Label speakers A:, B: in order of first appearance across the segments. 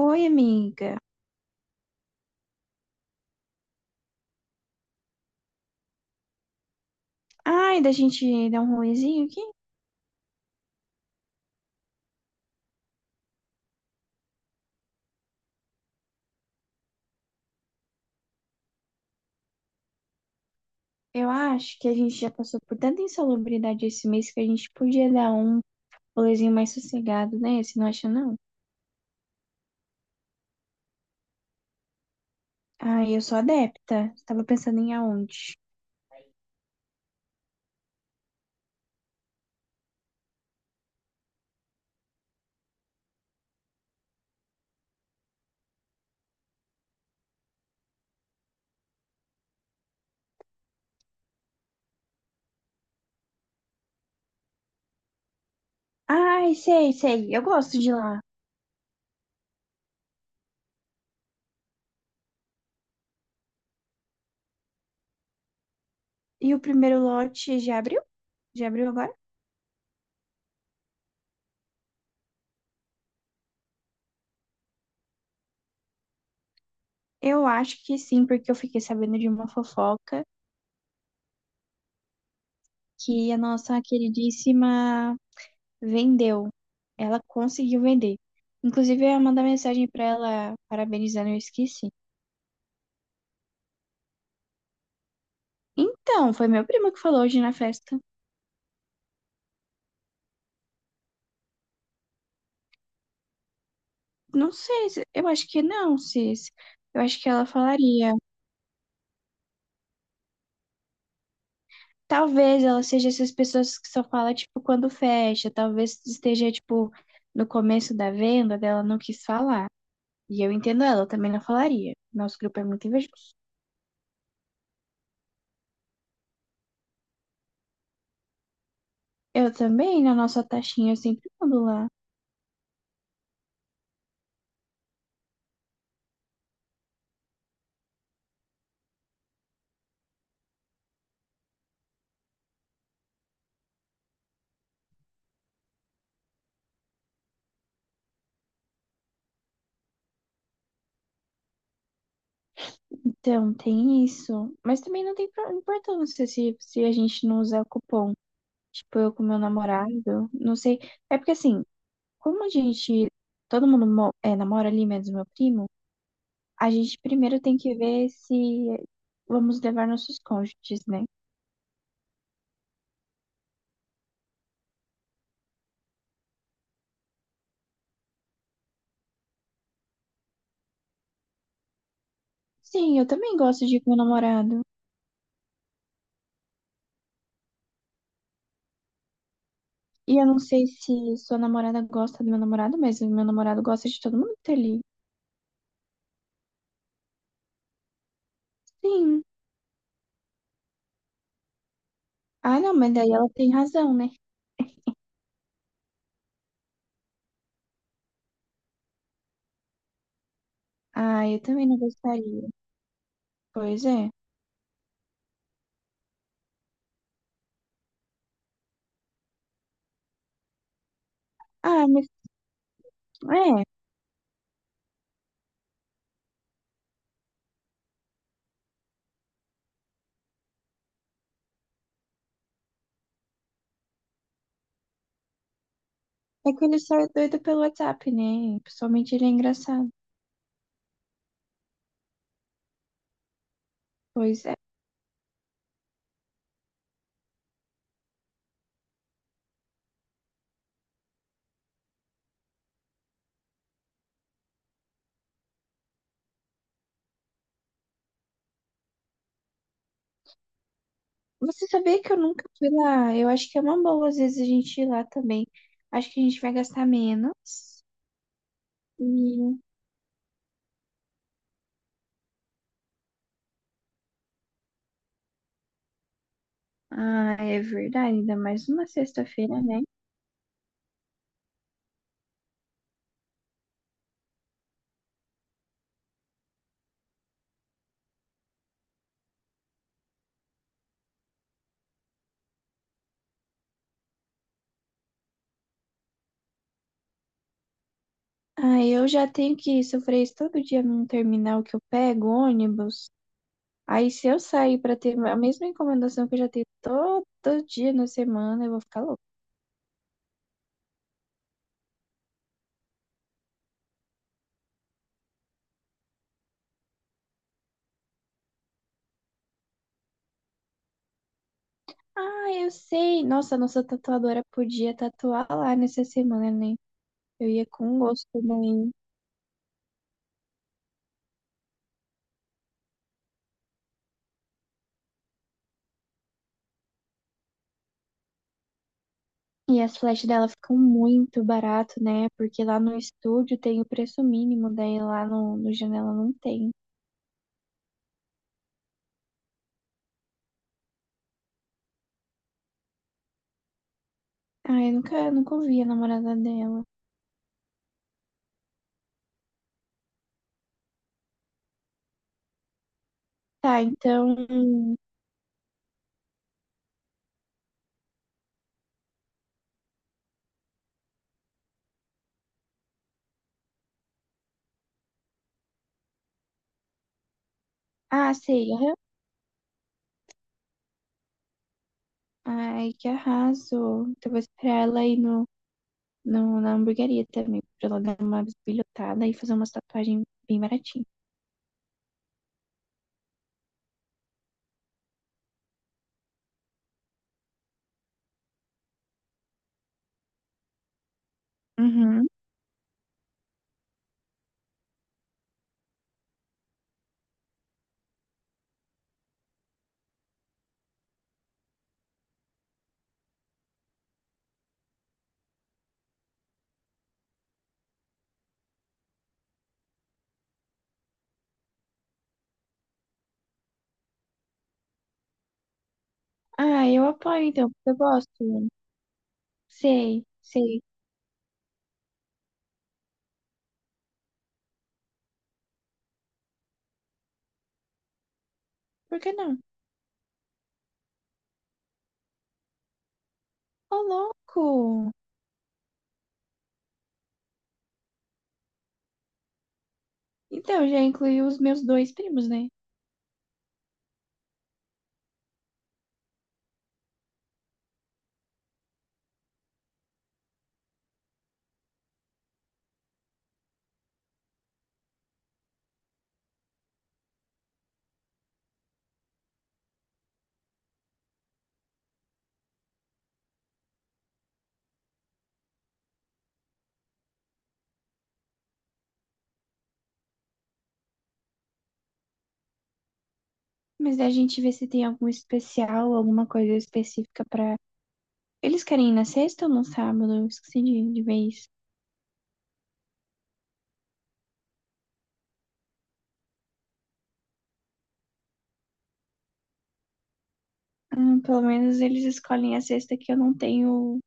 A: Oi, amiga. Ai, da gente dar um rolezinho aqui? Eu acho que a gente já passou por tanta insalubridade esse mês que a gente podia dar um rolezinho mais sossegado, né? Você não acha, não? Ai, eu sou adepta. Tava pensando em aonde. Ai, sei, sei. Eu gosto de lá. E o primeiro lote já abriu? Já abriu agora? Eu acho que sim, porque eu fiquei sabendo de uma fofoca que a nossa queridíssima vendeu. Ela conseguiu vender. Inclusive, eu ia mandar mensagem pra ela parabenizando, eu esqueci. Então, foi meu primo que falou hoje na festa. Não sei, eu acho que não, Cis. Eu acho que ela falaria. Talvez ela seja essas pessoas que só fala, tipo, quando fecha. Talvez esteja, tipo, no começo da venda dela não quis falar. E eu entendo ela, eu também não falaria. Nosso grupo é muito invejoso. Eu também, na nossa taxinha, eu sempre mando lá. Então, tem isso. Mas também não tem importância se a gente não usar cupom. Tipo, eu com meu namorado, não sei. É porque assim, como a gente, todo mundo namora ali, menos meu primo, a gente primeiro tem que ver se vamos levar nossos cônjuges, né? Sim, eu também gosto de ir com meu namorado. E eu não sei se sua namorada gosta do meu namorado, mas o meu namorado gosta de todo mundo que tá ali. Sim. Ah, não, mas daí ela tem razão, né? Ah, eu também não gostaria. Pois é. Ah, mas É, é que ele só é doido pelo WhatsApp, né? Pessoalmente ele é engraçado. Pois é. Você sabia que eu nunca fui lá? Eu acho que é uma boa, às vezes, a gente ir lá também. Acho que a gente vai gastar menos. E. Ah, é verdade, ainda mais uma sexta-feira, né? Ah, eu já tenho que sofrer isso todo dia num terminal que eu pego ônibus. Aí, se eu sair pra ter a mesma encomendação que eu já tenho todo dia na semana, eu vou ficar louca. Ah, eu sei. Nossa, a nossa tatuadora podia tatuar lá nessa semana, né? Eu ia com gosto também. E as flechas dela ficam muito barato, né? Porque lá no estúdio tem o preço mínimo, daí lá no Janela não tem. Ah, eu nunca, nunca ouvi a namorada dela. Tá, então. Ah, sei. Aham. Ai, que arraso. Então vou esperar ela ir no, no, na hamburgueria também, pra ela dar uma bisbilhotada e fazer uma tatuagem bem baratinha. Uhum. Ah, eu apoio então, porque eu gosto. Sei, sei. Por que não? Ô, louco! Então, eu já incluí os meus dois primos, né? Mas a gente vê se tem algum especial, alguma coisa específica pra. Eles querem ir na sexta ou no sábado? Eu esqueci de vez. Pelo menos eles escolhem a sexta que eu não tenho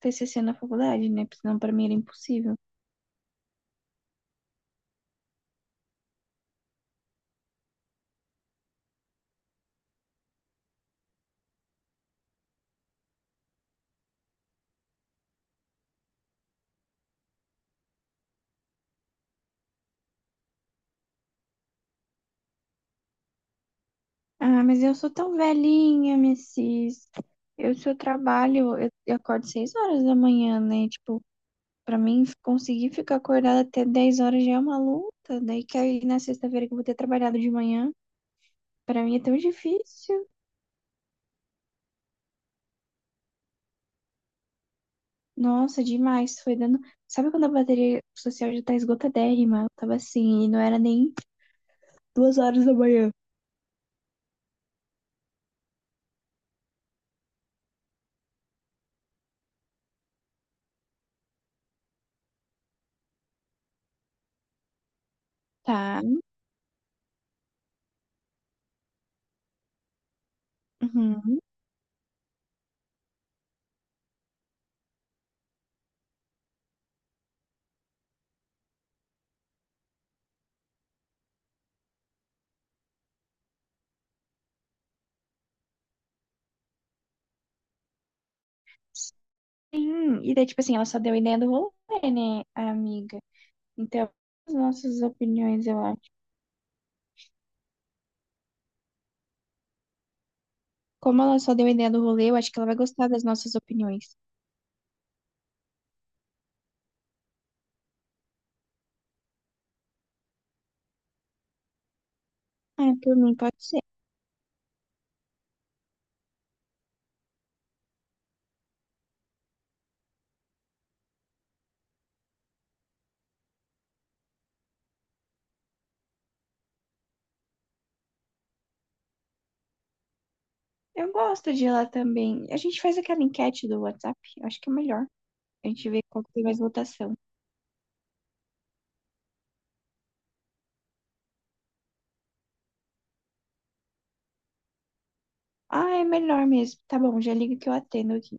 A: TCC na faculdade, né? Porque senão pra mim era impossível. Ah, mas eu sou tão velhinha, Mrs. Eu, se eu trabalho, eu acordo 6 horas da manhã, né? Tipo, pra mim, conseguir ficar acordada até 10 horas já é uma luta. Daí que aí na sexta-feira que eu vou ter trabalhado de manhã, pra mim é tão difícil. Nossa, demais. Foi dando. Sabe quando a bateria social já tá esgotadérrima? Eu tava assim, e não era nem 2 horas da manhã. Tá. Uhum. Sim. E daí, tipo assim, ela só deu a ideia do rolê, né, a amiga? Então, as nossas opiniões, eu acho. Como ela só deu a ideia do rolê, eu acho que ela vai gostar das nossas opiniões. Ah, por mim, pode ser. Eu gosto de ir lá também. A gente faz aquela enquete do WhatsApp, eu acho que é melhor. A gente vê qual que tem mais votação. Ah, é melhor mesmo. Tá bom, já liga que eu atendo aqui.